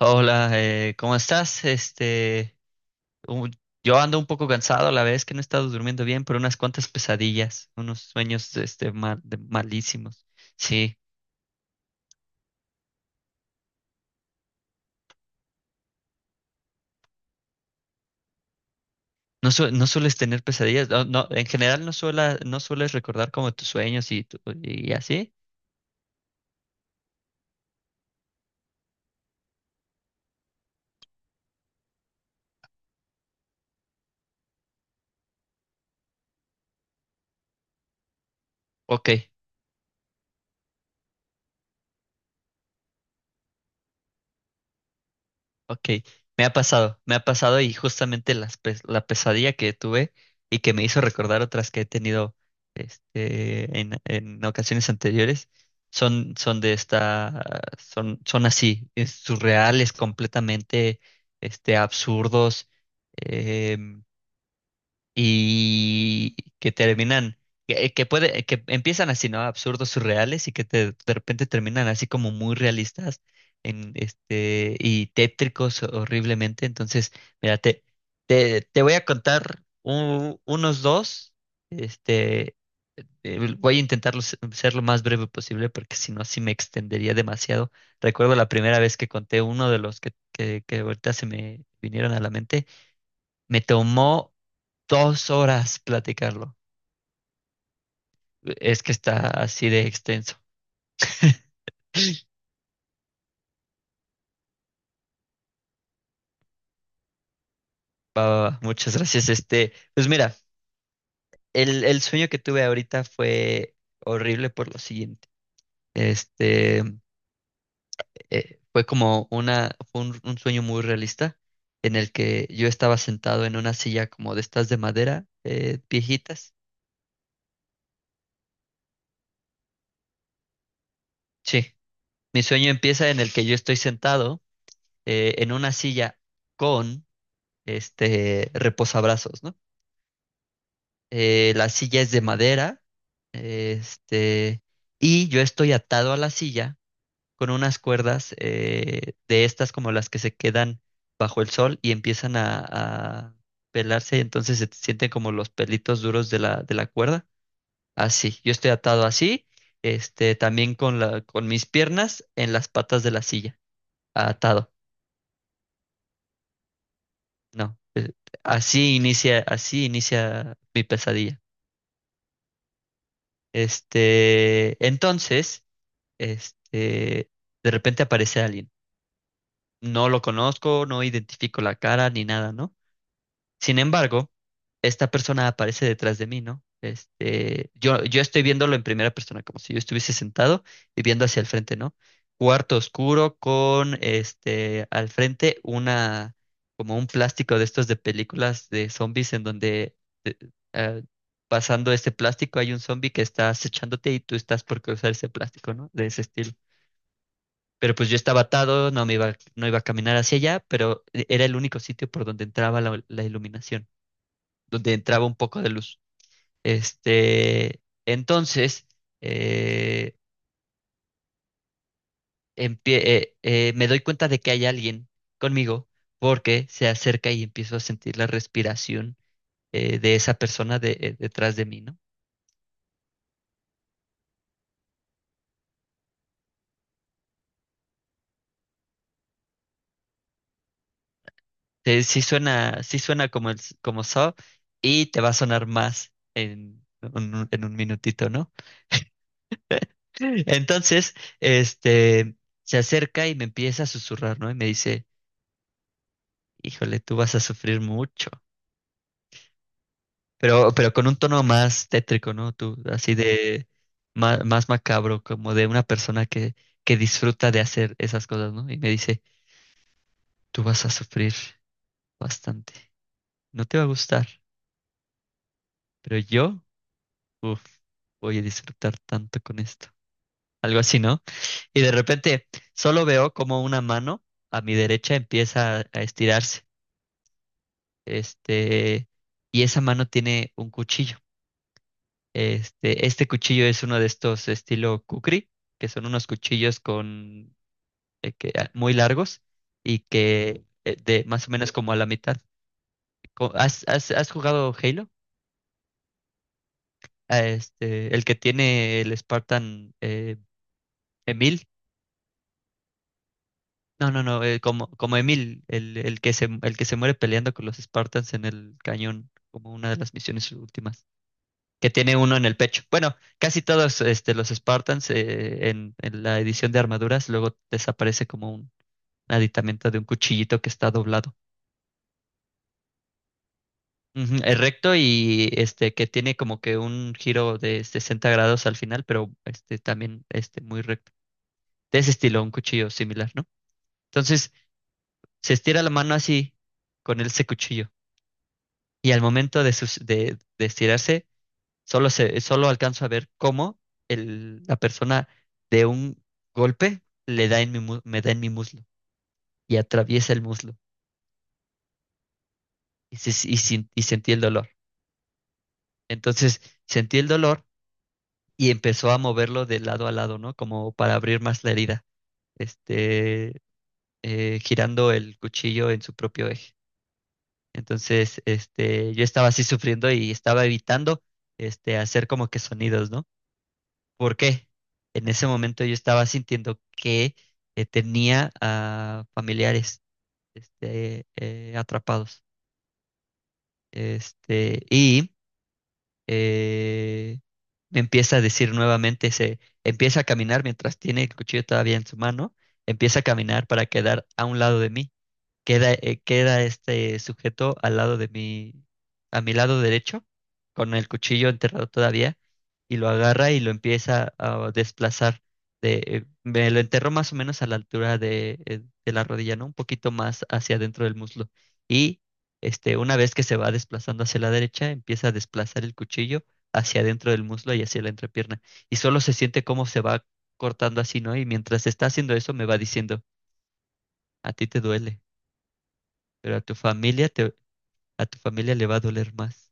Hola, ¿cómo estás? Un- yo ando un poco cansado, a la vez que no he estado durmiendo bien, por unas cuantas pesadillas, unos sueños, malísimos. Sí, no, no sueles tener pesadillas, no, no, en general no sueles recordar como tus sueños y, y así. Ok, Ok, me ha pasado y justamente la pesadilla que tuve y que me hizo recordar otras que he tenido en ocasiones anteriores son, son de esta, son, son así, es surreales, completamente absurdos. em, y que terminan, que empiezan así, ¿no? Absurdos, surreales y de repente terminan así como muy realistas en este y tétricos horriblemente. Entonces, mira, te voy a contar unos dos, este, voy a intentar ser lo más breve posible porque si no, sí me extendería demasiado. Recuerdo la primera vez que conté uno de los que ahorita se me vinieron a la mente, me tomó 2 horas platicarlo. Es que está así de extenso. Va, va, va. Muchas gracias. Pues mira, el sueño que tuve ahorita fue horrible por lo siguiente. Este, fue como un sueño muy realista en el que yo estaba sentado en una silla como de estas de madera, viejitas. Sí, mi sueño empieza en el que yo estoy sentado en una silla con este reposabrazos, ¿no? La silla es de madera, este, y yo estoy atado a la silla con unas cuerdas de estas como las que se quedan bajo el sol y empiezan a pelarse, y entonces se sienten como los pelitos duros de de la cuerda. Así, yo estoy atado así, también con con mis piernas en las patas de la silla, atado. No, así inicia mi pesadilla. Entonces, este, de repente aparece alguien. No lo conozco, no identifico la cara ni nada, ¿no? Sin embargo, esta persona aparece detrás de mí, ¿no? Yo estoy viéndolo en primera persona, como si yo estuviese sentado y viendo hacia el frente, ¿no? Cuarto oscuro con, al frente como un plástico de estos de películas de zombies en donde eh, eh, pasando este plástico hay un zombie que está acechándote y tú estás por cruzar ese plástico, ¿no? De ese estilo. Pero pues yo estaba atado, no me iba, no iba a caminar hacia allá, pero era el único sitio por donde entraba la iluminación, donde entraba un poco de luz. Entonces, eh, me doy cuenta de que hay alguien conmigo porque se acerca y empiezo a sentir la respiración de esa persona detrás de mí, ¿no? Sí suena, sí suena como como Saw y te va a sonar más en un minutito, ¿no? Entonces, este, se acerca y me empieza a susurrar, ¿no? Y me dice, híjole, tú vas a sufrir mucho. Pero con un tono más tétrico, ¿no? Tú, así de más, macabro, como de una persona que disfruta de hacer esas cosas, ¿no? Y me dice, tú vas a sufrir bastante. No te va a gustar, pero yo, uff, voy a disfrutar tanto con esto. Algo así, ¿no? Y de repente solo veo como una mano a mi derecha empieza a estirarse. Este, y esa mano tiene un cuchillo. Este cuchillo es uno de estos estilo kukri, que son unos cuchillos con muy largos y que de más o menos como a la mitad. ¿Has jugado Halo? Ah, el que tiene el Spartan Emil. No, no, no, como Emil, el que se muere peleando con los Spartans en el cañón, como una de las misiones últimas. Que tiene uno en el pecho. Bueno, casi todos los Spartans en la edición de armaduras luego desaparece como un aditamento de un cuchillito que está doblado. Ujú. Es recto y este que tiene como que un giro de 60 grados al final, pero este también este muy recto. De ese estilo, un cuchillo similar, ¿no? Entonces, se estira la mano así con ese cuchillo y al momento de estirarse. Solo alcanzo a ver cómo la persona de un golpe le da en mi, mu- me da en mi muslo y atraviesa el muslo y, se- y sin- y sentí el dolor. Entonces sentí el dolor y empezó a moverlo de lado a lado, ¿no? Como para abrir más la herida, este, girando el cuchillo en su propio eje. Entonces, yo estaba así sufriendo y estaba evitando, hacer como que sonidos, ¿no? ¿Por qué? En ese momento yo estaba sintiendo que tenía a familiares atrapados. Y eh, me empieza a decir nuevamente, se empieza a caminar mientras tiene el cuchillo todavía en su mano, empieza a caminar para quedar a un lado de mí. Queda este sujeto al lado de mi, a mi lado derecho, con el cuchillo enterrado todavía, y lo agarra y lo empieza a desplazar. Me lo enterró más o menos a la altura de la rodilla, ¿no? Un poquito más hacia adentro del muslo. Y una vez que se va desplazando hacia la derecha, empieza a desplazar el cuchillo hacia adentro del muslo y hacia la entrepierna. Y solo se siente cómo se va cortando así, ¿no? Y mientras está haciendo eso, me va diciendo, a ti te duele, pero a tu familia le va a doler más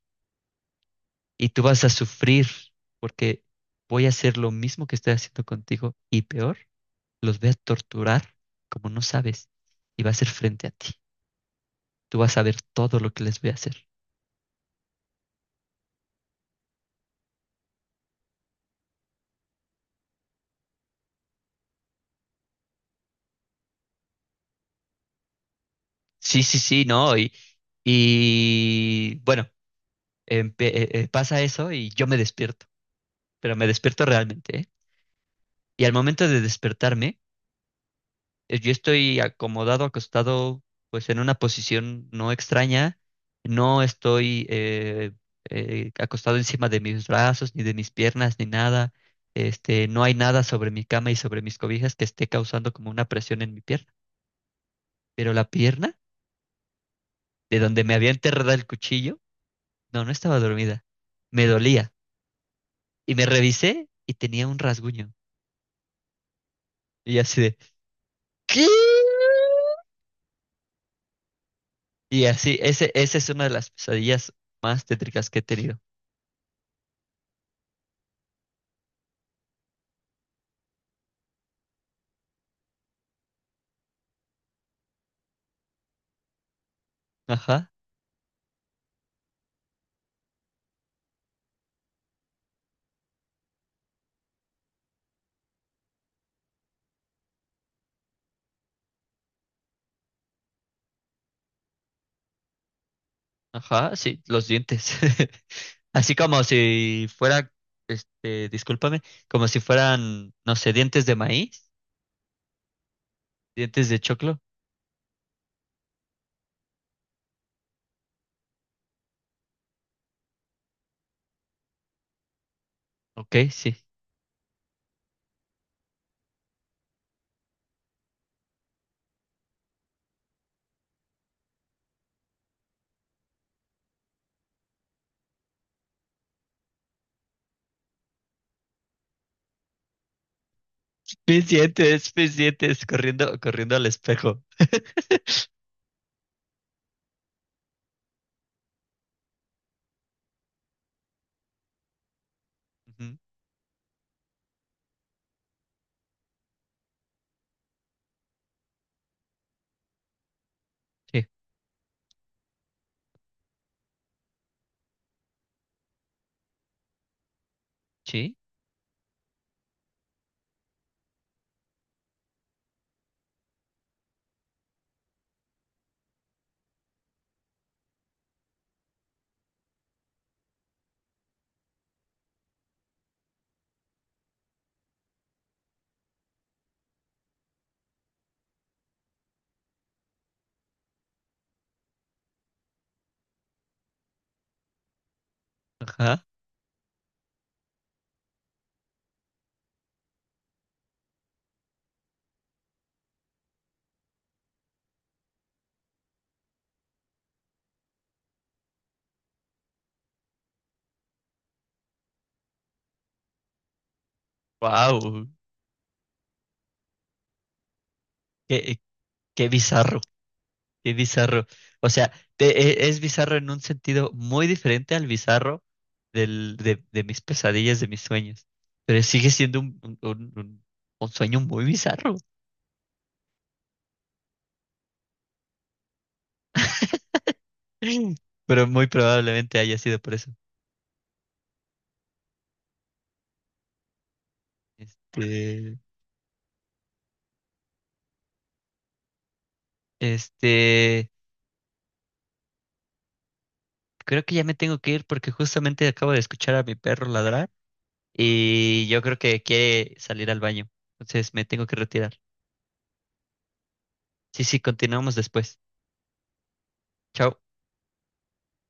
y tú vas a sufrir porque voy a hacer lo mismo que estoy haciendo contigo y peor, los voy a torturar como no sabes y va a ser frente a ti. Tú vas a ver todo lo que les voy a hacer. Sí, sí, sí, no, y bueno, pasa eso y yo me despierto, pero me despierto realmente, ¿eh? Y al momento de despertarme yo estoy acomodado, acostado, pues en una posición no extraña. No estoy acostado encima de mis brazos, ni de mis piernas, ni nada. No hay nada sobre mi cama y sobre mis cobijas que esté causando como una presión en mi pierna. Pero la pierna, de donde me había enterrado el cuchillo, no, no estaba dormida. Me dolía. Y me revisé y tenía un rasguño. Y así de, ¿qué? Y así, esa es una de las pesadillas más tétricas que he tenido. Ajá. Ajá, sí, los dientes. Así como si fuera, discúlpame, como si fueran, no sé, dientes de maíz, dientes de choclo. Ok, sí. Mis dientes, corriendo, corriendo al espejo. Ujú. Sí, sí, ajá. Wow, qué, qué bizarro. Qué bizarro. O sea, te- es bizarro en un sentido muy diferente al bizarro de mis pesadillas, de mis sueños. Pero sigue siendo un sueño muy bizarro. Pero muy probablemente haya sido por eso. Este, este, creo que ya me tengo que ir porque justamente acabo de escuchar a mi perro ladrar y yo creo que quiere salir al baño. Entonces me tengo que retirar. Sí, sí, continuamos después. Chao.